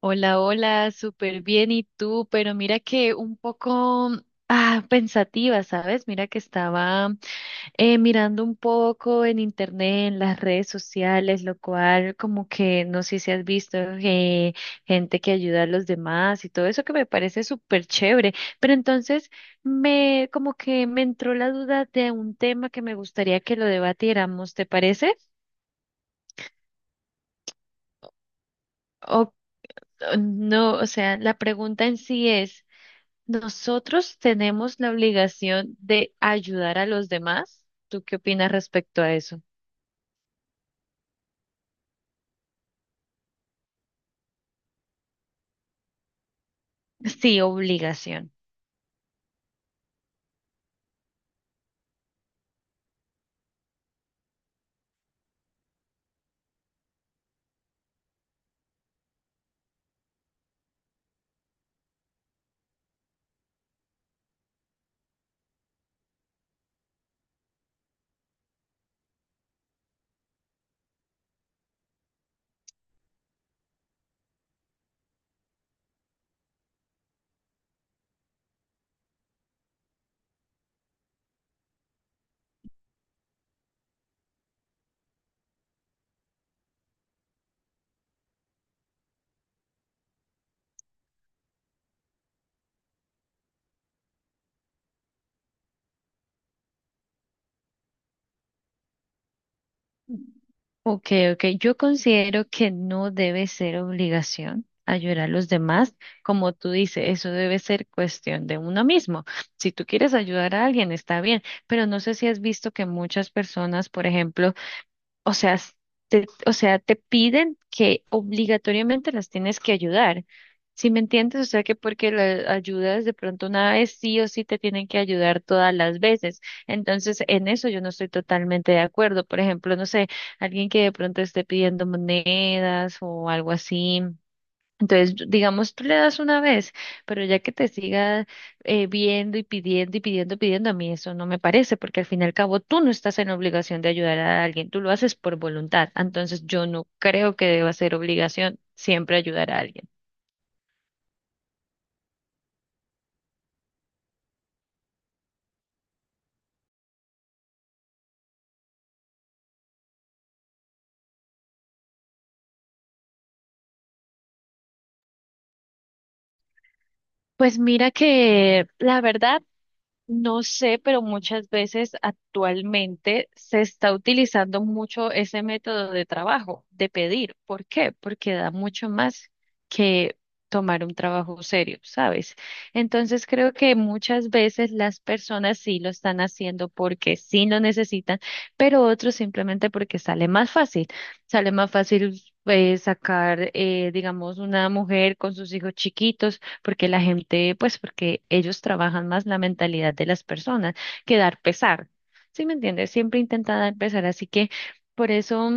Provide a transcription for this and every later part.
Hola, hola, súper bien. ¿Y tú? Pero mira que un poco pensativa, ¿sabes? Mira que estaba mirando un poco en internet, en las redes sociales, lo cual como que no sé si has visto gente que ayuda a los demás y todo eso que me parece súper chévere. Pero entonces me como que me entró la duda de un tema que me gustaría que lo debatiéramos, ¿te parece? O o no, o sea, la pregunta en sí es: nosotros tenemos la obligación de ayudar a los demás. ¿Tú qué opinas respecto a eso? Sí, obligación. Ok, ok. Yo considero que no debe ser obligación ayudar a los demás. Como tú dices, eso debe ser cuestión de uno mismo. Si tú quieres ayudar a alguien, está bien, pero no sé si has visto que muchas personas, por ejemplo, o sea, te, o sea, te piden que obligatoriamente las tienes que ayudar. ¿Si me entiendes? O sea, que porque las ayudas de pronto una vez, sí o sí te tienen que ayudar todas las veces. Entonces, en eso yo no estoy totalmente de acuerdo. Por ejemplo, no sé, alguien que de pronto esté pidiendo monedas o algo así. Entonces, digamos, tú le das una vez, pero ya que te siga viendo y pidiendo, pidiendo, a mí eso no me parece, porque al fin y al cabo tú no estás en obligación de ayudar a alguien, tú lo haces por voluntad. Entonces, yo no creo que deba ser obligación siempre ayudar a alguien. Pues mira que la verdad, no sé, pero muchas veces actualmente se está utilizando mucho ese método de trabajo, de pedir. ¿Por qué? Porque da mucho más que tomar un trabajo serio, ¿sabes? Entonces creo que muchas veces las personas sí lo están haciendo porque sí lo necesitan, pero otros simplemente porque sale más fácil. Sale más fácil. Sacar, digamos, una mujer con sus hijos chiquitos, porque la gente, pues porque ellos trabajan más la mentalidad de las personas que dar pesar. ¿Sí me entiendes? Siempre intenta dar pesar, así que por eso.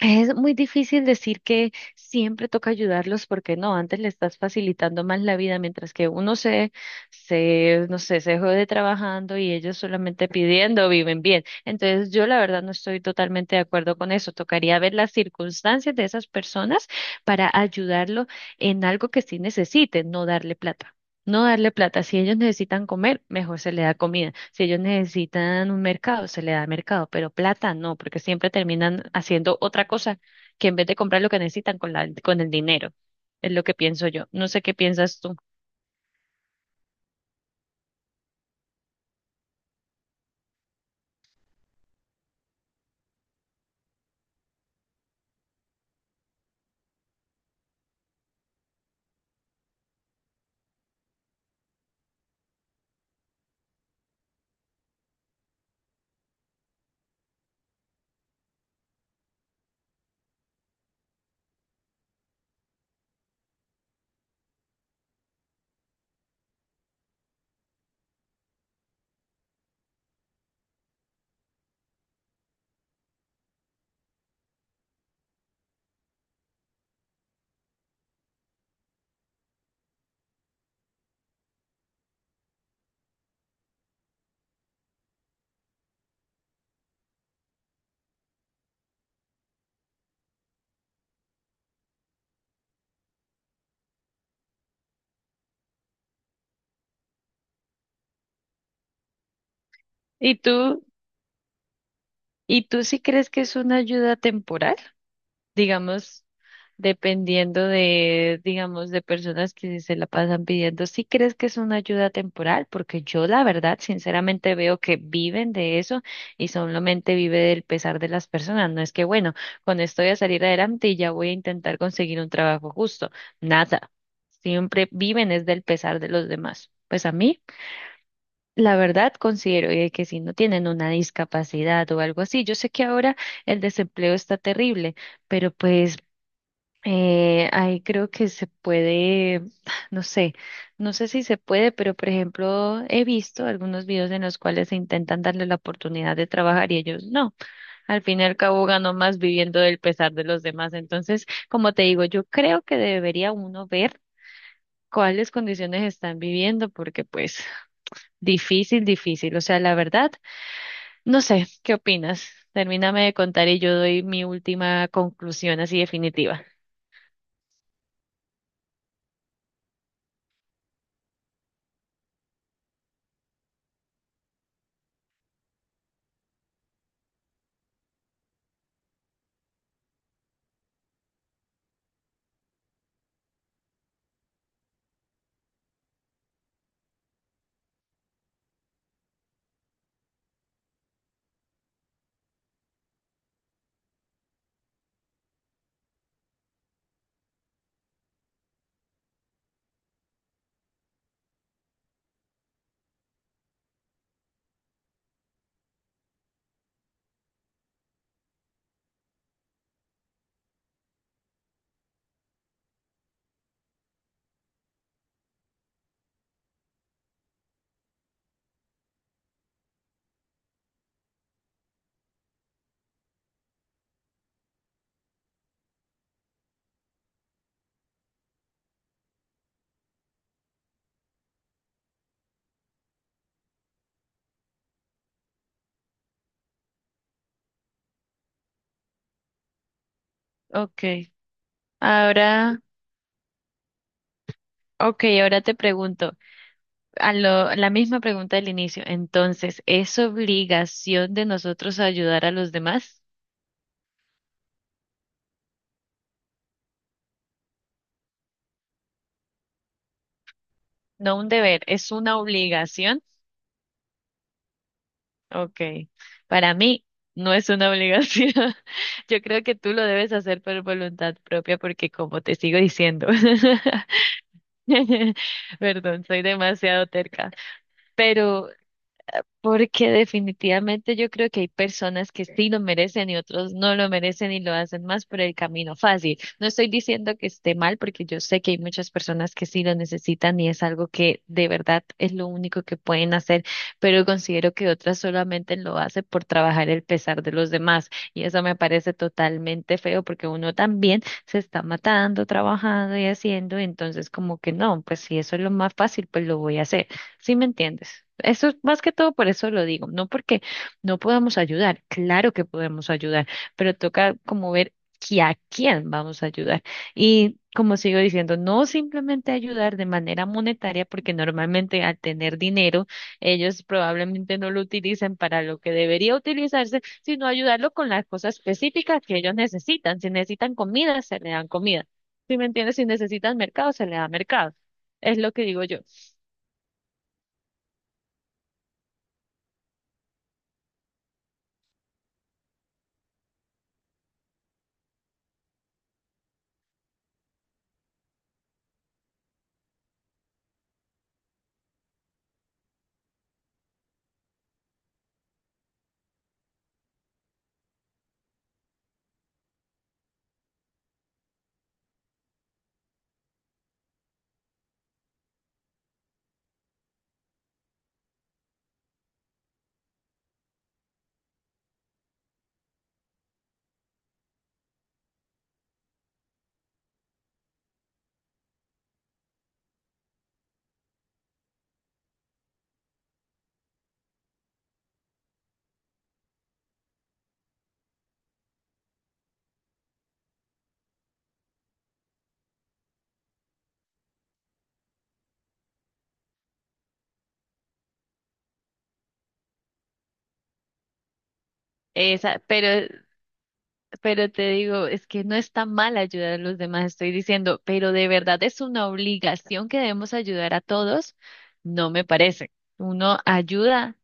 Es muy difícil decir que siempre toca ayudarlos, porque no, antes le estás facilitando más la vida, mientras que uno se, no sé, se jode trabajando y ellos solamente pidiendo viven bien. Entonces yo la verdad no estoy totalmente de acuerdo con eso. Tocaría ver las circunstancias de esas personas para ayudarlo en algo que sí necesiten, no darle plata. No darle plata. Si ellos necesitan comer, mejor se le da comida. Si ellos necesitan un mercado, se le da mercado. Pero plata no, porque siempre terminan haciendo otra cosa, que en vez de comprar lo que necesitan con la, con el dinero. Es lo que pienso yo. No sé qué piensas tú. ¿Y tú, y tú sí crees que es una ayuda temporal? Digamos, dependiendo de, digamos, de personas que se la pasan pidiendo. ¿Sí crees que es una ayuda temporal? Porque yo, la verdad, sinceramente veo que viven de eso y solamente vive del pesar de las personas. No es que, bueno, con esto voy a salir adelante y ya voy a intentar conseguir un trabajo justo. Nada. Siempre viven es del pesar de los demás. Pues a mí, la verdad, considero que si no tienen una discapacidad o algo así, yo sé que ahora el desempleo está terrible, pero pues ahí creo que se puede, no sé, no sé si se puede, pero por ejemplo, he visto algunos videos en los cuales se intentan darle la oportunidad de trabajar y ellos no. Al fin y al cabo ganó más viviendo del pesar de los demás. Entonces, como te digo, yo creo que debería uno ver cuáles condiciones están viviendo, porque pues difícil, difícil. O sea, la verdad, no sé, ¿qué opinas? Termíname de contar y yo doy mi última conclusión así definitiva. Ok, ahora. Ok, ahora te pregunto, la misma pregunta del inicio. Entonces, ¿es obligación de nosotros ayudar a los demás? No un deber, ¿es una obligación? Ok, para mí no es una obligación. Yo creo que tú lo debes hacer por voluntad propia, porque como te sigo diciendo, perdón, soy demasiado terca, pero porque definitivamente yo creo que hay personas que sí lo merecen y otros no lo merecen y lo hacen más por el camino fácil. No estoy diciendo que esté mal, porque yo sé que hay muchas personas que sí lo necesitan y es algo que de verdad es lo único que pueden hacer, pero considero que otras solamente lo hacen por trabajar el pesar de los demás. Y eso me parece totalmente feo, porque uno también se está matando, trabajando y haciendo, entonces como que no, pues si eso es lo más fácil, pues lo voy a hacer. ¿Sí me entiendes? Eso es más que todo por eso lo digo, no porque no podamos ayudar, claro que podemos ayudar, pero toca como ver que a quién vamos a ayudar. Y como sigo diciendo, no simplemente ayudar de manera monetaria, porque normalmente al tener dinero, ellos probablemente no lo utilicen para lo que debería utilizarse, sino ayudarlo con las cosas específicas que ellos necesitan. Si necesitan comida, se le dan comida. ¿Si me entiendes? Si necesitan mercado, se le da mercado. Es lo que digo yo. Esa, pero te digo, es que no está mal ayudar a los demás, estoy diciendo, pero de verdad es una obligación que debemos ayudar a todos, no me parece. Uno ayuda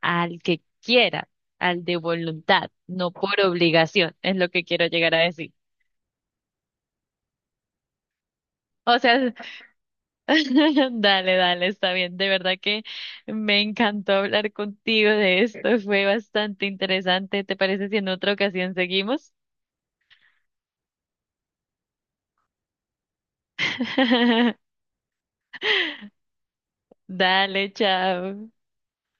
al que quiera, al de voluntad, no por obligación, es lo que quiero llegar a decir. O sea, dale, dale, está bien. De verdad que me encantó hablar contigo de esto, fue bastante interesante. ¿Te parece si en otra ocasión seguimos? Dale, chao.